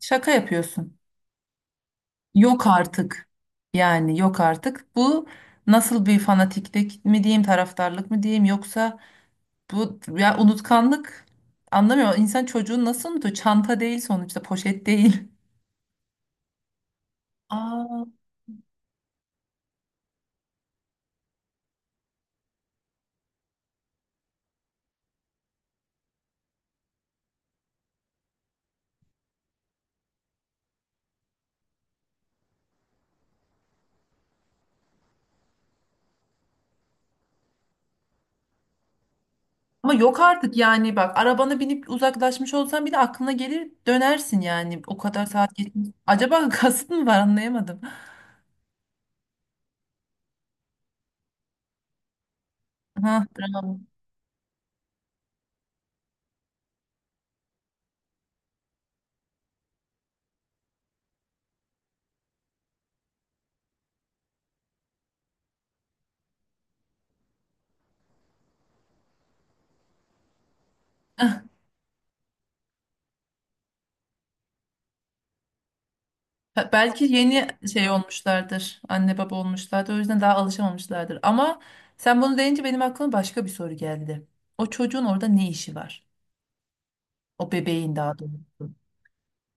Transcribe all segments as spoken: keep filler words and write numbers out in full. Şaka yapıyorsun. Yok artık. Yani yok artık. Bu nasıl bir fanatiklik mi diyeyim, taraftarlık mı diyeyim yoksa bu ya unutkanlık anlamıyorum. İnsan çocuğun nasıl unutuyor? Çanta değil sonuçta, poşet değil. Aa, ama yok artık yani bak arabana binip uzaklaşmış olsan bile aklına gelir dönersin yani o kadar saat geçmiş. Acaba kasıt mı var anlayamadım. Ha, bravo. Ha, belki yeni şey olmuşlardır. Anne baba olmuşlardır. O yüzden daha alışamamışlardır. Ama sen bunu deyince benim aklıma başka bir soru geldi. O çocuğun orada ne işi var? O bebeğin daha doğrusu.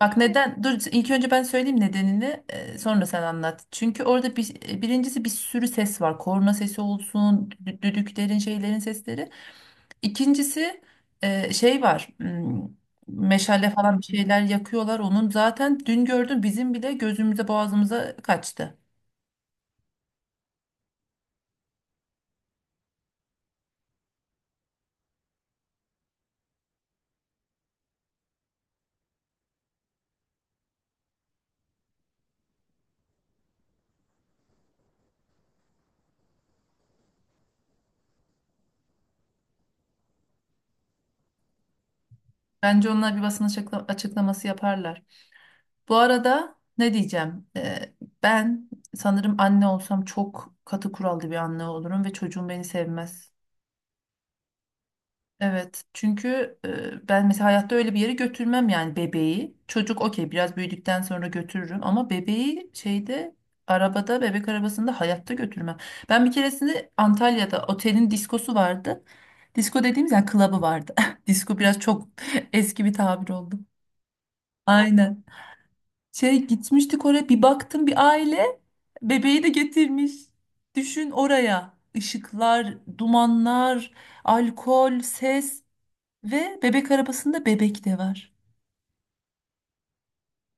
Bak neden? Dur ilk önce ben söyleyeyim nedenini. e, Sonra sen anlat. Çünkü orada bir, e, birincisi bir sürü ses var. Korna sesi olsun, dü- düdüklerin, şeylerin sesleri. İkincisi e, şey var. hmm, Meşale falan bir şeyler yakıyorlar. Onun zaten dün gördüm bizim bile gözümüze boğazımıza kaçtı. Bence onlar bir basın açıkla- açıklaması yaparlar. Bu arada ne diyeceğim? Ee, ben sanırım anne olsam çok katı kurallı bir anne olurum ve çocuğum beni sevmez. Evet, çünkü e, ben mesela hayatta öyle bir yere götürmem yani bebeği. Çocuk okey biraz büyüdükten sonra götürürüm ama bebeği şeyde arabada bebek arabasında hayatta götürmem. Ben bir keresinde Antalya'da otelin diskosu vardı. Disko dediğimiz yani klabı vardı. Disko biraz çok eski bir tabir oldu. Aynen. Şey gitmiştik oraya bir baktım bir aile bebeği de getirmiş. Düşün oraya ışıklar, dumanlar, alkol, ses ve bebek arabasında bebek de var.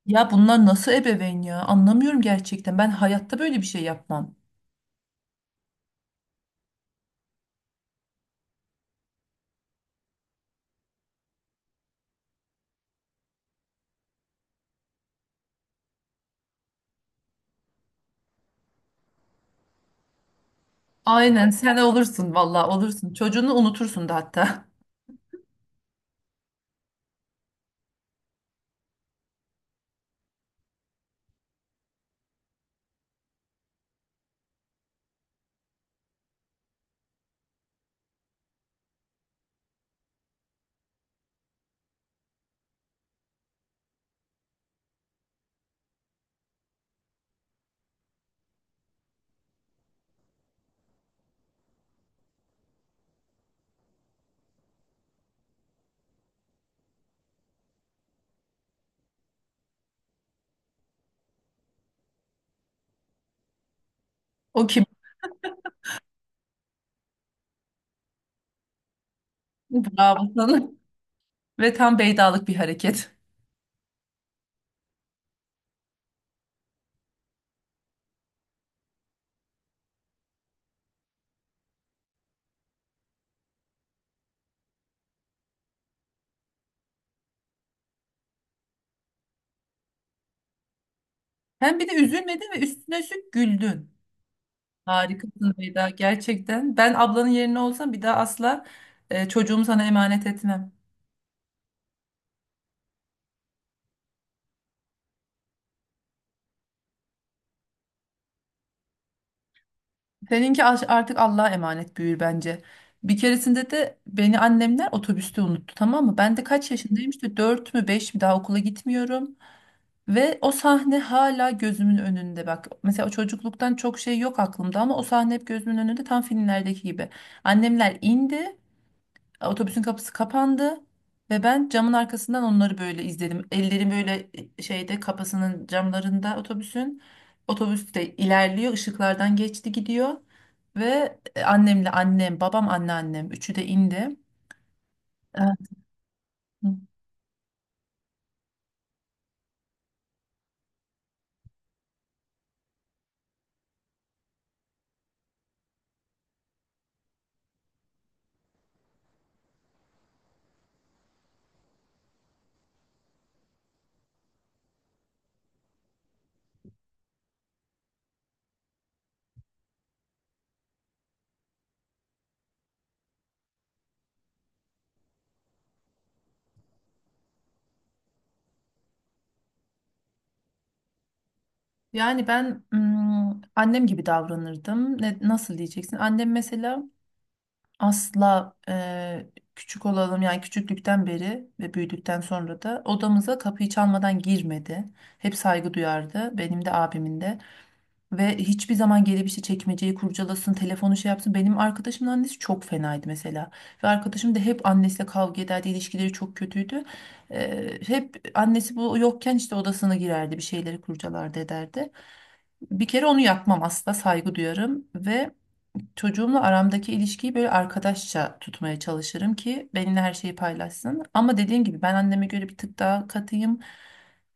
Ya bunlar nasıl ebeveyn ya? Anlamıyorum gerçekten. Ben hayatta böyle bir şey yapmam. Aynen sen olursun valla olursun. Çocuğunu unutursun da hatta. O kim? Bravo sana. Ve tam beydalık bir hareket. Hem bir de üzülmedin ve üstüne üstlük güldün. Harikasın Beyda gerçekten. Ben ablanın yerine olsam bir daha asla e, çocuğumu sana emanet etmem. Seninki aş- artık Allah'a emanet büyür bence. Bir keresinde de beni annemler otobüste unuttu tamam mı? Ben de kaç yaşındayım işte dört mü beş mi daha okula gitmiyorum. Ve o sahne hala gözümün önünde bak. Mesela o çocukluktan çok şey yok aklımda ama o sahne hep gözümün önünde tam filmlerdeki gibi. Annemler indi, otobüsün kapısı kapandı ve ben camın arkasından onları böyle izledim. Ellerim böyle e, şeyde kapısının camlarında otobüsün. Otobüs de ilerliyor, ışıklardan geçti gidiyor ve e, annemle annem, babam anneannem üçü de indi. Evet. Yani ben mm, annem gibi davranırdım. Ne, nasıl diyeceksin? Annem mesela asla eee, küçük olalım yani küçüklükten beri ve büyüdükten sonra da odamıza kapıyı çalmadan girmedi. Hep saygı duyardı benim de abimin de ve hiçbir zaman gelip işte çekmeceyi kurcalasın telefonu şey yapsın. Benim arkadaşımın annesi çok fenaydı mesela ve arkadaşım da hep annesiyle kavga ederdi ilişkileri çok kötüydü. Eee, hep annesi bu yokken işte odasına girerdi bir şeyleri kurcalardı ederdi. Bir kere onu yapmam asla saygı duyarım ve çocuğumla aramdaki ilişkiyi böyle arkadaşça tutmaya çalışırım ki benimle her şeyi paylaşsın. Ama dediğim gibi ben anneme göre bir tık daha katıyım.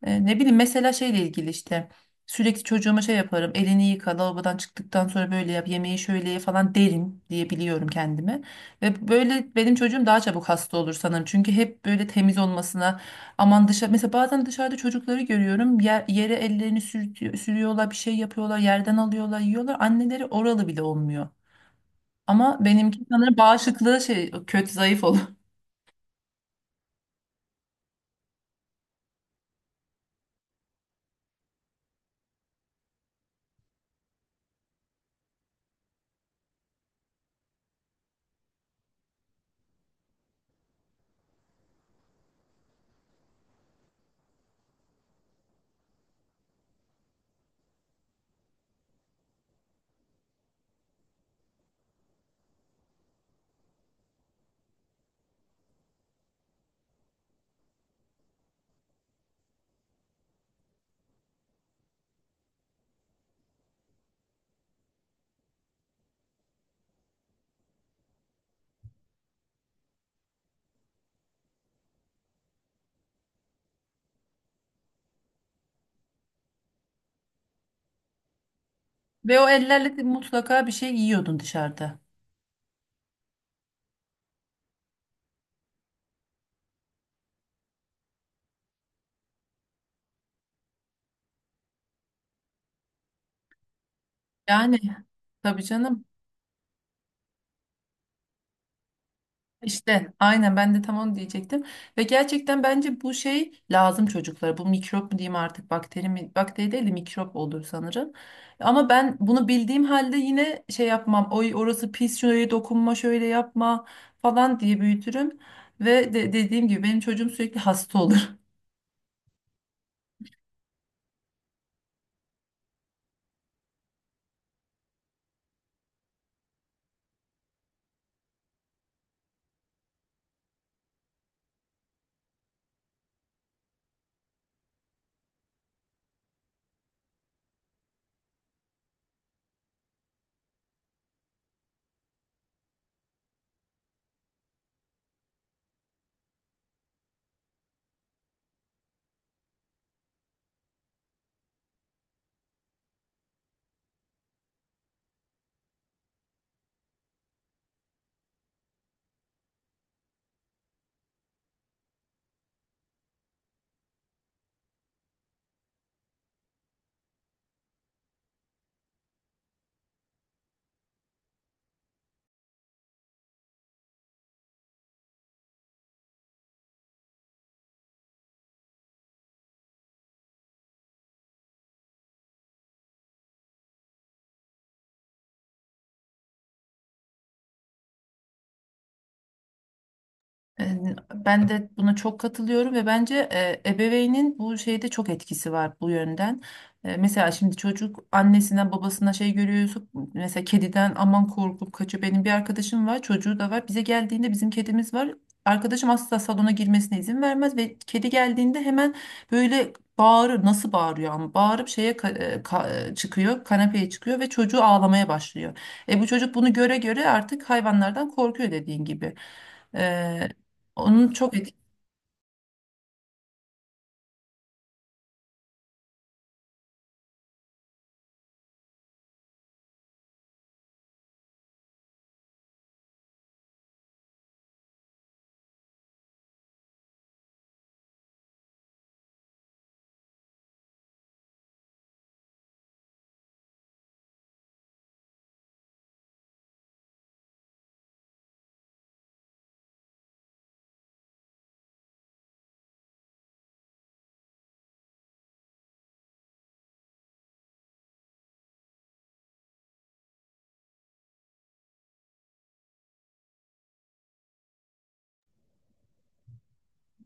E, ne bileyim mesela şeyle ilgili işte sürekli çocuğuma şey yaparım. Elini yıka, lavabodan çıktıktan sonra böyle yap, yemeği şöyle ye falan derim diye biliyorum kendime. Ve böyle benim çocuğum daha çabuk hasta olur sanırım. Çünkü hep böyle temiz olmasına aman dışarı mesela bazen dışarıda çocukları görüyorum. Yer, yere ellerini sürtüyor- sürüyorlar, bir şey yapıyorlar, yerden alıyorlar, yiyorlar. Anneleri oralı bile olmuyor. Ama benimki sanırım bağışıklığı şey kötü zayıf olur. Ve o ellerle de mutlaka bir şey yiyordun dışarıda. Yani tabii canım. İşte aynen ben de tam onu diyecektim. Ve gerçekten bence bu şey lazım çocuklara. Bu mikrop mu diyeyim artık bakteri mi? Bakteri değil de mikrop olur sanırım. Ama ben bunu bildiğim halde yine şey yapmam. Oy orası pis şuraya dokunma şöyle yapma falan diye büyütürüm. Ve de- dediğim gibi benim çocuğum sürekli hasta olur. E, Ben de buna çok katılıyorum ve bence e, ebeveynin bu şeyde çok etkisi var bu yönden. E, Mesela şimdi çocuk annesinden babasına şey görüyorsa mesela kediden aman korkup kaçıyor. Benim bir arkadaşım var çocuğu da var bize geldiğinde bizim kedimiz var. Arkadaşım asla salona girmesine izin vermez ve kedi geldiğinde hemen böyle bağırır nasıl bağırıyor ama bağırıp şeye ka- e, ka- e, çıkıyor kanepeye çıkıyor ve çocuğu ağlamaya başlıyor. E bu çocuk bunu göre göre artık hayvanlardan korkuyor dediğin gibi. Onun çok etkili.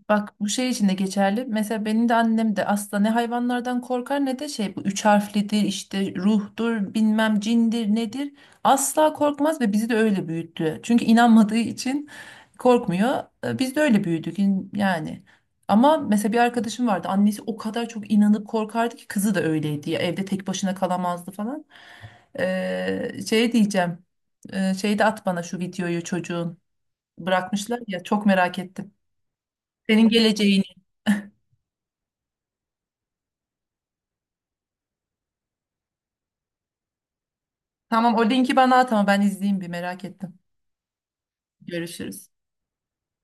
Bak bu şey için de geçerli. Mesela benim de annem de asla ne hayvanlardan korkar ne de şey bu üç harflidir işte ruhtur bilmem cindir nedir. Asla korkmaz ve bizi de öyle büyüttü. Çünkü inanmadığı için korkmuyor. E, Biz de öyle büyüdük in- yani. Ama mesela bir arkadaşım vardı. Annesi o kadar çok inanıp korkardı ki kızı da öyleydi. Ya, evde tek başına kalamazdı falan. Ee, şey diyeceğim. Ee, şey de at bana şu videoyu çocuğun. Bırakmışlar ya çok merak ettim. Senin geleceğini. Tamam o linki bana at ama ben izleyeyim bir merak ettim. Görüşürüz.